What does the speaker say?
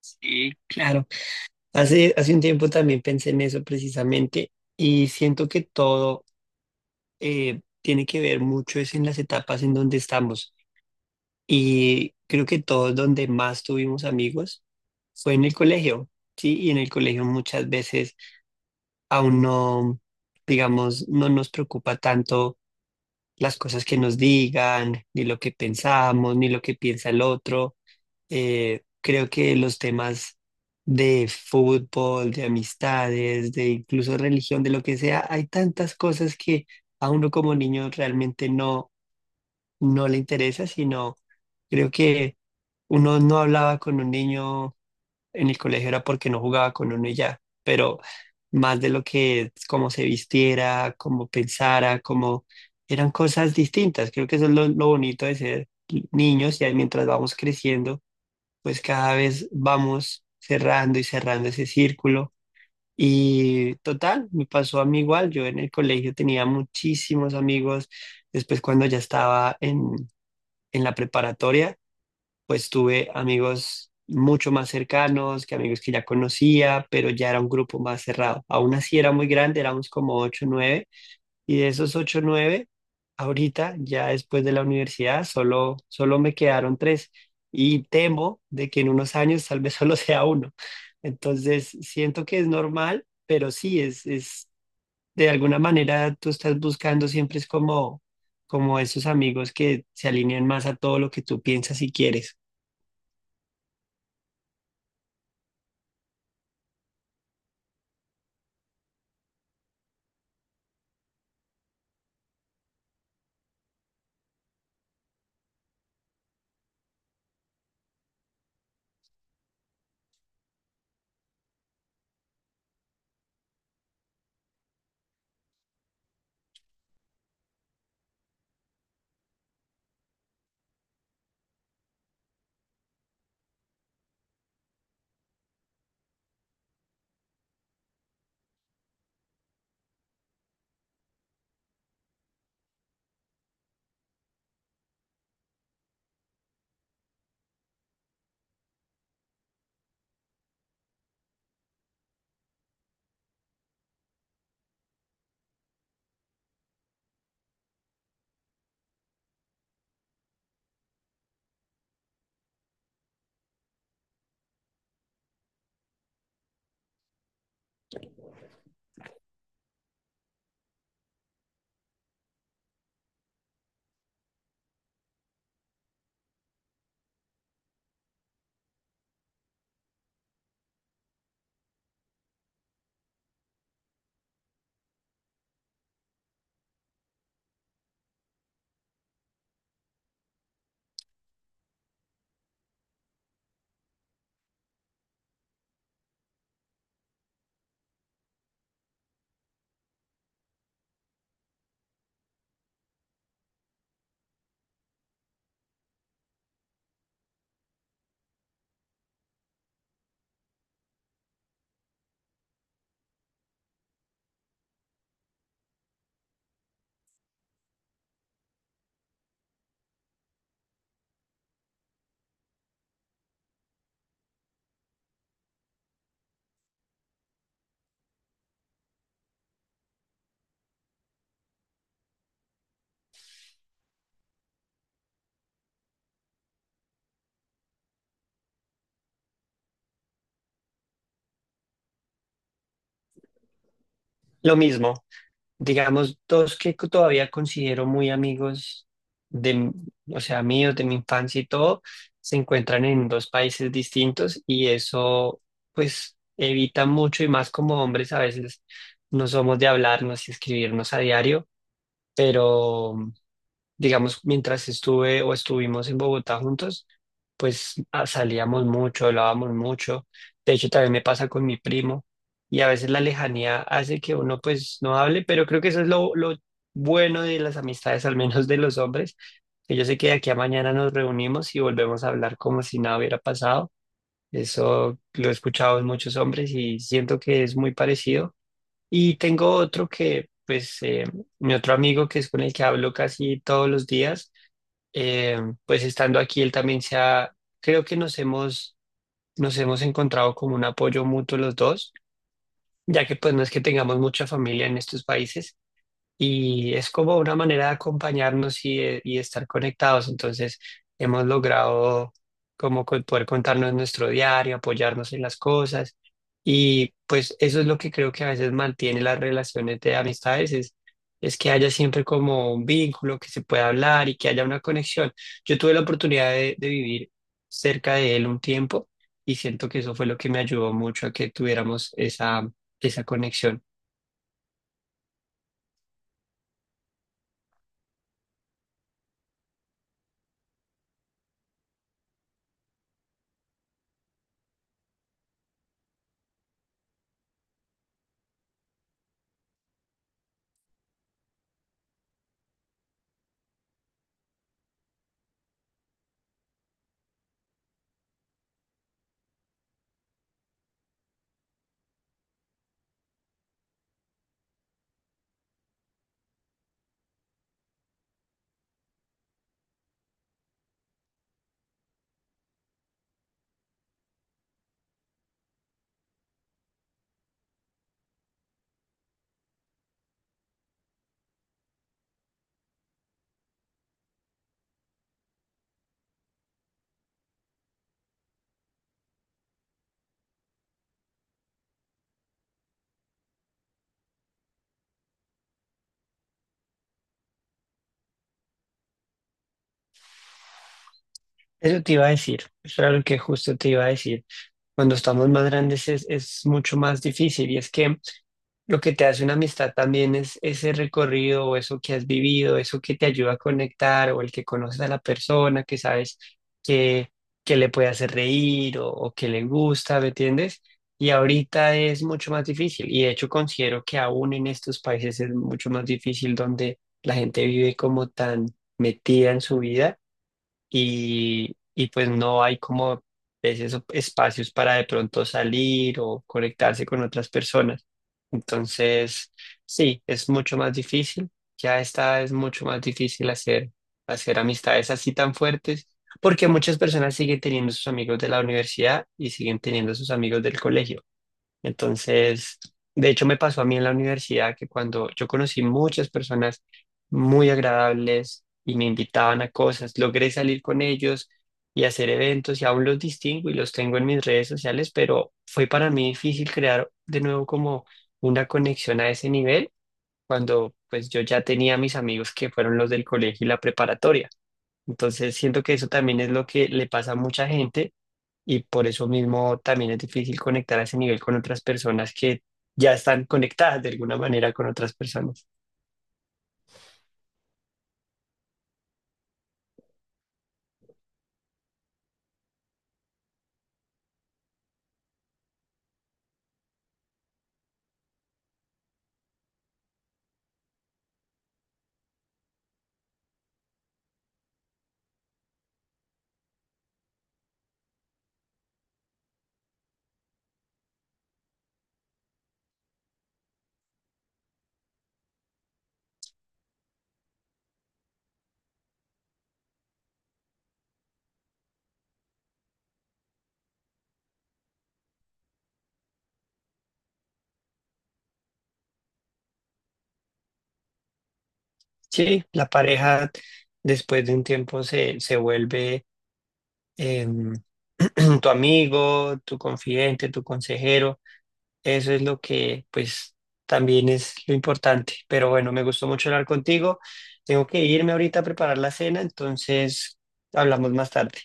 Sí, claro. Hace un tiempo también pensé en eso precisamente y siento que todo tiene que ver mucho es en las etapas en donde estamos, y creo que todos donde más tuvimos amigos fue en el colegio, ¿sí? Y en el colegio muchas veces aún no, digamos, no nos preocupa tanto las cosas que nos digan, ni lo que pensamos, ni lo que piensa el otro. Creo que los temas de fútbol, de amistades, de incluso religión, de lo que sea, hay tantas cosas que a uno como niño realmente no le interesa, sino creo que uno no hablaba con un niño en el colegio era porque no jugaba con uno y ya, pero más de lo que es cómo se vistiera, cómo pensara, cómo, eran cosas distintas. Creo que eso es lo bonito de ser niños, y ahí mientras vamos creciendo pues cada vez vamos cerrando y cerrando ese círculo. Y total, me pasó a mí igual. Yo en el colegio tenía muchísimos amigos. Después cuando ya estaba en la preparatoria, pues tuve amigos mucho más cercanos que amigos que ya conocía, pero ya era un grupo más cerrado. Aún así era muy grande, éramos como ocho o, y de esos ocho, nueve, ahorita, ya después de la universidad, solo me quedaron tres. Y temo de que en unos años tal vez solo sea uno. Entonces, siento que es normal, pero sí, es de alguna manera tú estás buscando siempre es como esos amigos que se alinean más a todo lo que tú piensas y quieres. Lo mismo. Digamos, dos que todavía considero muy amigos de, m- o sea, míos de mi infancia y todo, se encuentran en dos países distintos y eso, pues, evita mucho, y más como hombres a veces no somos de hablarnos y escribirnos a diario, pero digamos, mientras estuve o estuvimos en Bogotá juntos, pues salíamos mucho, hablábamos mucho. De hecho, también me pasa con mi primo, y a veces la lejanía hace que uno pues no hable, pero creo que eso es lo bueno de las amistades, al menos de los hombres, que yo sé que de aquí a mañana nos reunimos y volvemos a hablar como si nada hubiera pasado. Eso lo he escuchado en muchos hombres y siento que es muy parecido. Y tengo otro que, pues, mi otro amigo que es con el que hablo casi todos los días. Eh, pues estando aquí, él también creo que nos hemos encontrado como un apoyo mutuo los dos, ya que pues no es que tengamos mucha familia en estos países y es como una manera de acompañarnos y, y de estar conectados. Entonces, hemos logrado como poder contarnos nuestro diario, apoyarnos en las cosas, y pues eso es lo que creo que a veces mantiene las relaciones de amistades, es que haya siempre como un vínculo, que se pueda hablar y que haya una conexión. Yo tuve la oportunidad de vivir cerca de él un tiempo y siento que eso fue lo que me ayudó mucho a que tuviéramos esa conexión. Eso te iba a decir, eso era lo que justo te iba a decir. Cuando estamos más grandes es mucho más difícil, y es que lo que te hace una amistad también es ese recorrido o eso que has vivido, eso que te ayuda a conectar o el que conoces a la persona, que sabes que, que le puede hacer reír o que le gusta, ¿me entiendes? Y ahorita es mucho más difícil, y de hecho considero que aún en estos países es mucho más difícil, donde la gente vive como tan metida en su vida y pues no hay como esos espacios para de pronto salir o conectarse con otras personas. Entonces, sí, es mucho más difícil. Ya está, es mucho más difícil hacer amistades así tan fuertes, porque muchas personas siguen teniendo sus amigos de la universidad y siguen teniendo sus amigos del colegio. Entonces, de hecho me pasó a mí en la universidad que cuando yo conocí muchas personas muy agradables y me invitaban a cosas, logré salir con ellos y hacer eventos, y aún los distingo y los tengo en mis redes sociales, pero fue para mí difícil crear de nuevo como una conexión a ese nivel cuando pues yo ya tenía mis amigos que fueron los del colegio y la preparatoria. Entonces siento que eso también es lo que le pasa a mucha gente, y por eso mismo también es difícil conectar a ese nivel con otras personas que ya están conectadas de alguna manera con otras personas. Sí, la pareja después de un tiempo se vuelve em, tu amigo, tu confidente, tu consejero. Eso es lo que pues también es lo importante. Pero bueno, me gustó mucho hablar contigo. Tengo que irme ahorita a preparar la cena, entonces hablamos más tarde.